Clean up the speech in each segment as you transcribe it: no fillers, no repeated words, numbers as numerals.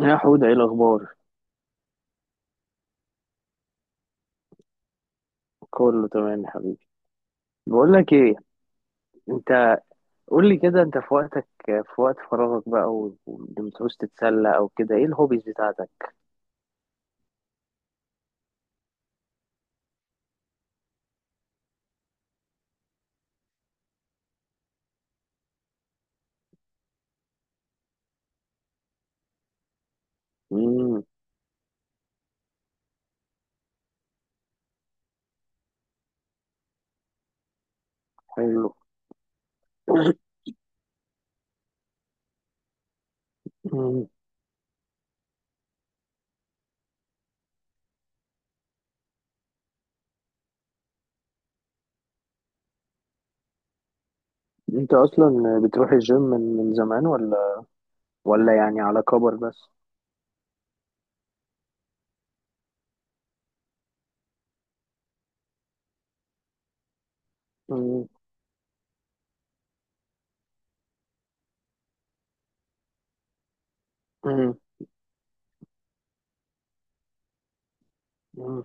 يا حودة، ايه الاخبار؟ كله تمام يا حبيبي. بقول لك ايه، انت. قول لي كده، انت في وقتك، في وقت فراغك بقى ولما تعوز تتسلى او كده، ايه الهوبيز بتاعتك؟ امم حلو. انت اصلا بتروح الجيم من زمان، ولا يعني على كبر بس؟ مم. مم. مم.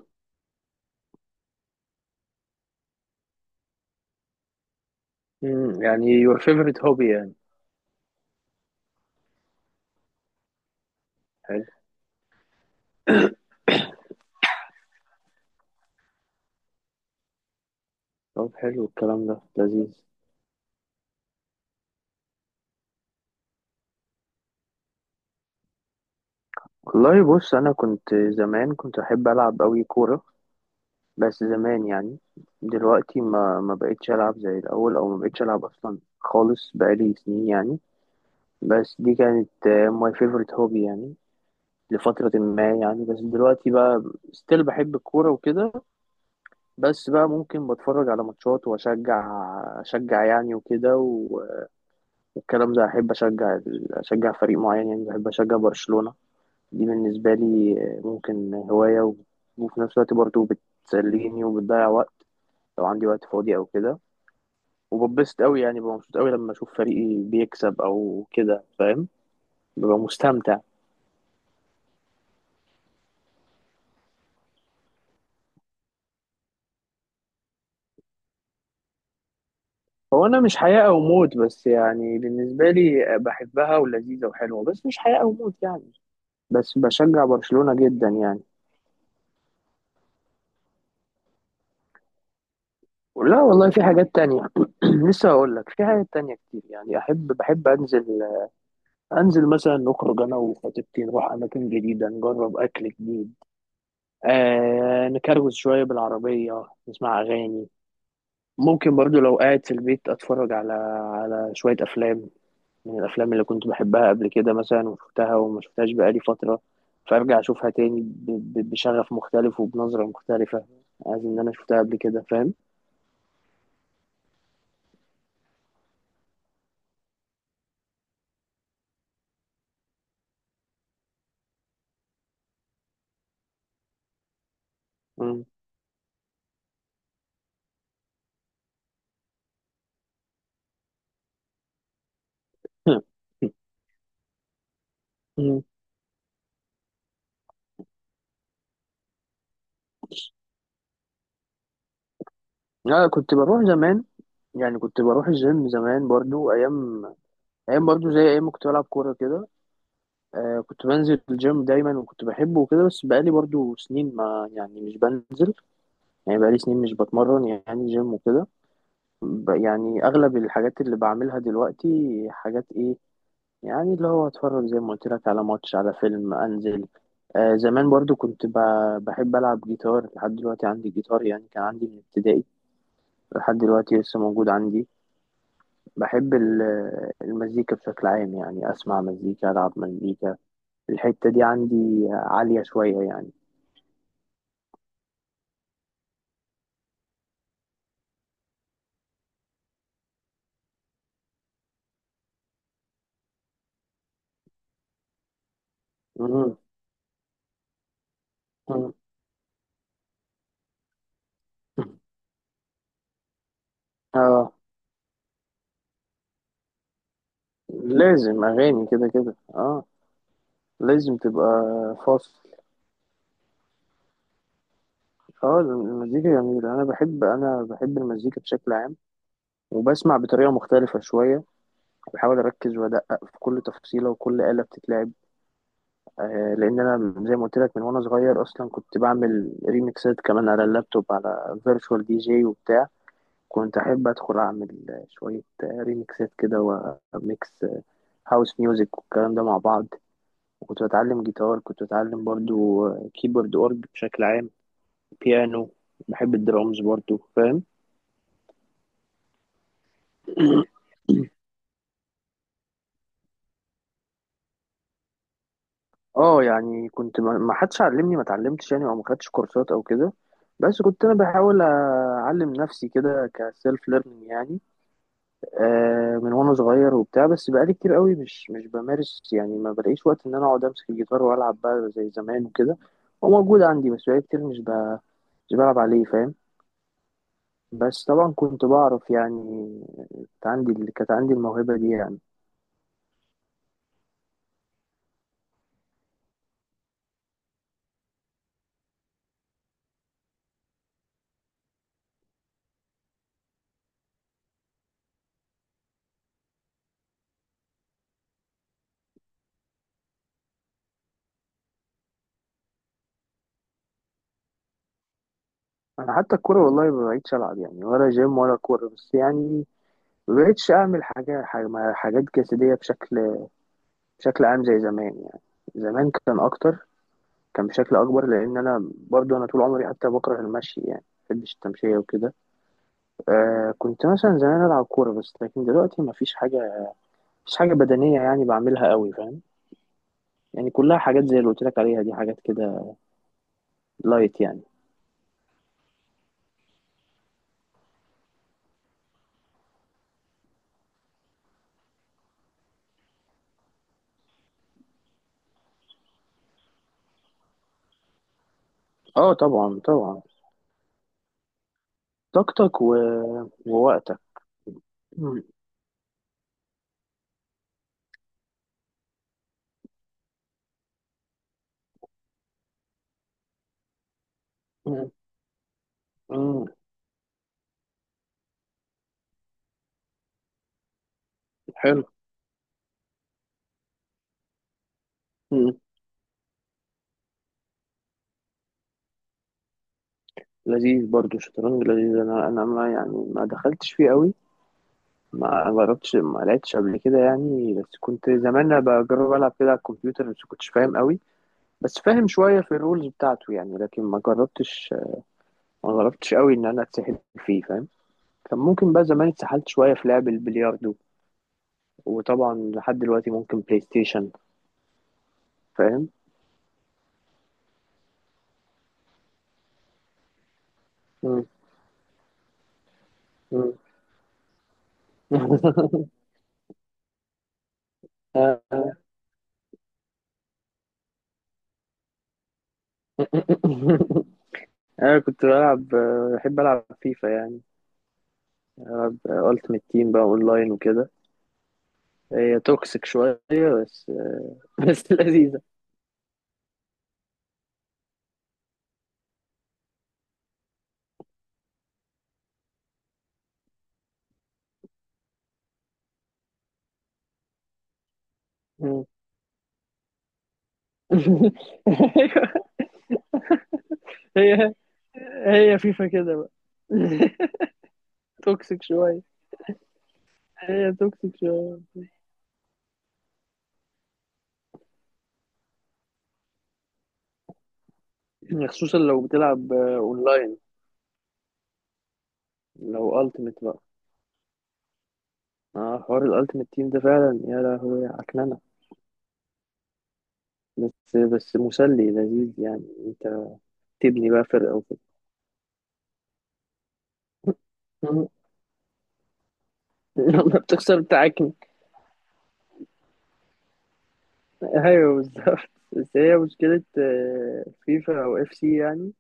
مم. يعني your favorite hobby يعني. حلو. طب حلو، الكلام ده لذيذ. والله بص، انا كنت زمان كنت احب العب قوي كوره، بس زمان يعني. دلوقتي ما بقتش ألعب زي الأول، أو ما بقتش ألعب أصلا خالص، بقالي سنين يعني. بس دي كانت ماي فيفورت هوبي يعني، لفترة ما يعني. بس دلوقتي بقى، ستيل بحب الكورة وكده، بس بقى ممكن بتفرج على ماتشات وأشجع يعني وكده والكلام ده. أحب أشجع أشجع فريق معين يعني، بحب أشجع برشلونة. دي بالنسبة لي ممكن هواية وفي نفس الوقت برضه بتسليني وبتضيع وقت لو عندي وقت فاضي أو كده. وببسط قوي يعني، ببقى مبسوط قوي لما اشوف فريقي بيكسب او كده، فاهم؟ ببقى مستمتع. هو انا مش حياة او موت، بس يعني بالنسبة لي بحبها ولذيذة وحلوة، بس مش حياة او موت يعني. بس بشجع برشلونة جدا يعني. لا والله، في حاجات تانية. لسه هقول لك، في حاجات تانية كتير يعني. بحب أنزل، مثلا نخرج أنا وخطيبتي، نروح أماكن جديدة، نجرب أكل جديد. آه، نكروز شوية بالعربية، نسمع أغاني. ممكن برضو لو قاعد في البيت اتفرج على شوية افلام، من الافلام اللي كنت بحبها قبل كده مثلا، وشفتها وما شفتهاش بقالي فترة، فارجع اشوفها تاني بشغف مختلف وبنظرة مختلفة. عايز ان انا شفتها قبل كده، فاهم؟ مم. مم. لا، كنت بروح زمان يعني، كنت بروح الجيم زمان برضو، ايام ايام برضو زي ايام ما كنت بلعب كورة كده. آه، كنت بنزل الجيم دايما وكنت بحبه وكده، بس بقالي برضو سنين ما يعني مش بنزل، يعني بقالي سنين مش بتمرن يعني جيم وكده. يعني اغلب الحاجات اللي بعملها دلوقتي، حاجات ايه يعني؟ اللي هو اتفرج زي ما قلت لك على ماتش، على فيلم، انزل. آه زمان برضو كنت بحب العب جيتار، لحد دلوقتي عندي جيتار يعني، كان عندي من ابتدائي لحد دلوقتي لسه موجود عندي. بحب المزيكا بشكل عام يعني، اسمع مزيكا، العب مزيكا. الحتة دي عندي عالية شوية يعني. مم. مم. اه لازم اغاني كده كده، اه. لازم تبقى فاصل. اه المزيكا جميلة، أنا بحب المزيكا بشكل عام، وبسمع بطريقة مختلفة شوية، بحاول أركز وأدقق في كل تفصيلة وكل آلة بتتلعب. آه، لأن أنا زي ما قلت لك، من وأنا صغير أصلا كنت بعمل ريميكسات كمان على اللابتوب، على فيرتشوال DJ وبتاع. كنت أحب أدخل أعمل شوية ريميكسات كده، وميكس هاوس ميوزك والكلام ده مع بعض. وكنت بتعلم جيتار، كنت بتعلم برضو كيبورد، أورج بشكل عام، بيانو. بحب الدرامز برضو، فاهم؟ اه يعني كنت ما حدش علمني، ما اتعلمتش يعني، او ما خدتش كورسات او كده، بس كنت انا بحاول اعلم نفسي كده، كسيلف ليرنينج يعني. آه من وانا صغير وبتاع، بس بقالي كتير قوي مش بمارس يعني، ما بلاقيش وقت ان انا اقعد امسك الجيتار والعب بقى زي زمان وكده. هو موجود عندي بس بقالي كتير مش بلعب عليه، فاهم؟ بس طبعا كنت بعرف يعني، كانت عندي اللي كانت عندي الموهبة دي يعني. انا حتى الكورة والله ما بقيتش العب يعني، ولا جيم ولا كورة بس يعني. مبقتش أعمل حاجات جسدية بشكل عام زي زمان يعني. زمان كان أكتر، كان بشكل أكبر، لأن أنا برضو أنا طول عمري حتى بكره المشي يعني، مبحبش التمشية وكده. آه، كنت مثلا زمان ألعب كورة، بس لكن دلوقتي مفيش حاجة بدنية يعني بعملها قوي، فاهم؟ يعني كلها حاجات زي اللي قلت لك عليها، دي حاجات كده لايت يعني. اه طبعا طبعا. طاقتك و... ووقتك. مم. مم. مم. حلو. لذيذ برضو الشطرنج، لذيذ. انا ما يعني ما دخلتش فيه قوي، ما جربتش، ما لعبتش قبل كده يعني، بس كنت زمان أنا بجرب العب كده على الكمبيوتر، بس كنتش فاهم قوي، بس فاهم شويه في الرولز بتاعته يعني. لكن ما جربتش، ما جربتش قوي ان انا اتسحل فيه، فاهم؟ كان ممكن بقى زمان اتسحلت شويه في لعب البلياردو. وطبعا لحد دلوقتي ممكن بلاي ستيشن، فاهم؟ مم. مم. انا كنت بلعب بحب العب فيفا يعني، ألعب ألتيمت تيم بقى أونلاين وكده. هي توكسيك شوية، بس بس لذيذة. مم. هي هي فيفا كده بقى. توكسيك شوية. هي توكسيك شوية، خصوصا لو بتلعب آه، أونلاين. لو ألتيمت بقى آه، حوار الألتيمت تيم ده فعلا يا لهوي عكننة، بس مسلي لذيذ يعني. أنت تبني بقى فرقة وكده. مم. يلا بتخسر بتاعك. ايوه بالظبط، بس هي مشكلة آه، فيفا او FC يعني،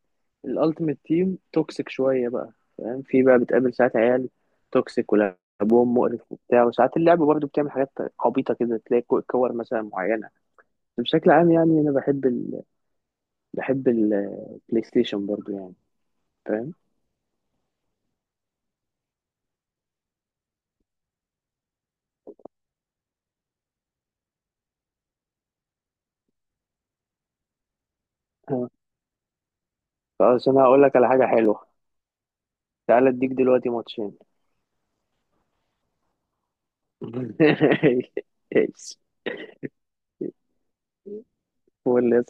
الالتيميت تيم توكسيك شوية بقى، فاهم؟ في بقى بتقابل ساعات عيال توكسيك، ولعبهم مقرف وبتاع. وساعات اللعبة برضو بتعمل حاجات عبيطة كده، تلاقي كور مثلا معينة. بس بشكل عام يعني، انا بحب بحب البلاي ستيشن برضو يعني، فاهم؟ آه. خلاص، انا هقول لك على حاجة حلوة. تعالى اديك دلوقتي ماتشين. ايش؟ قول لي يا صاحبي.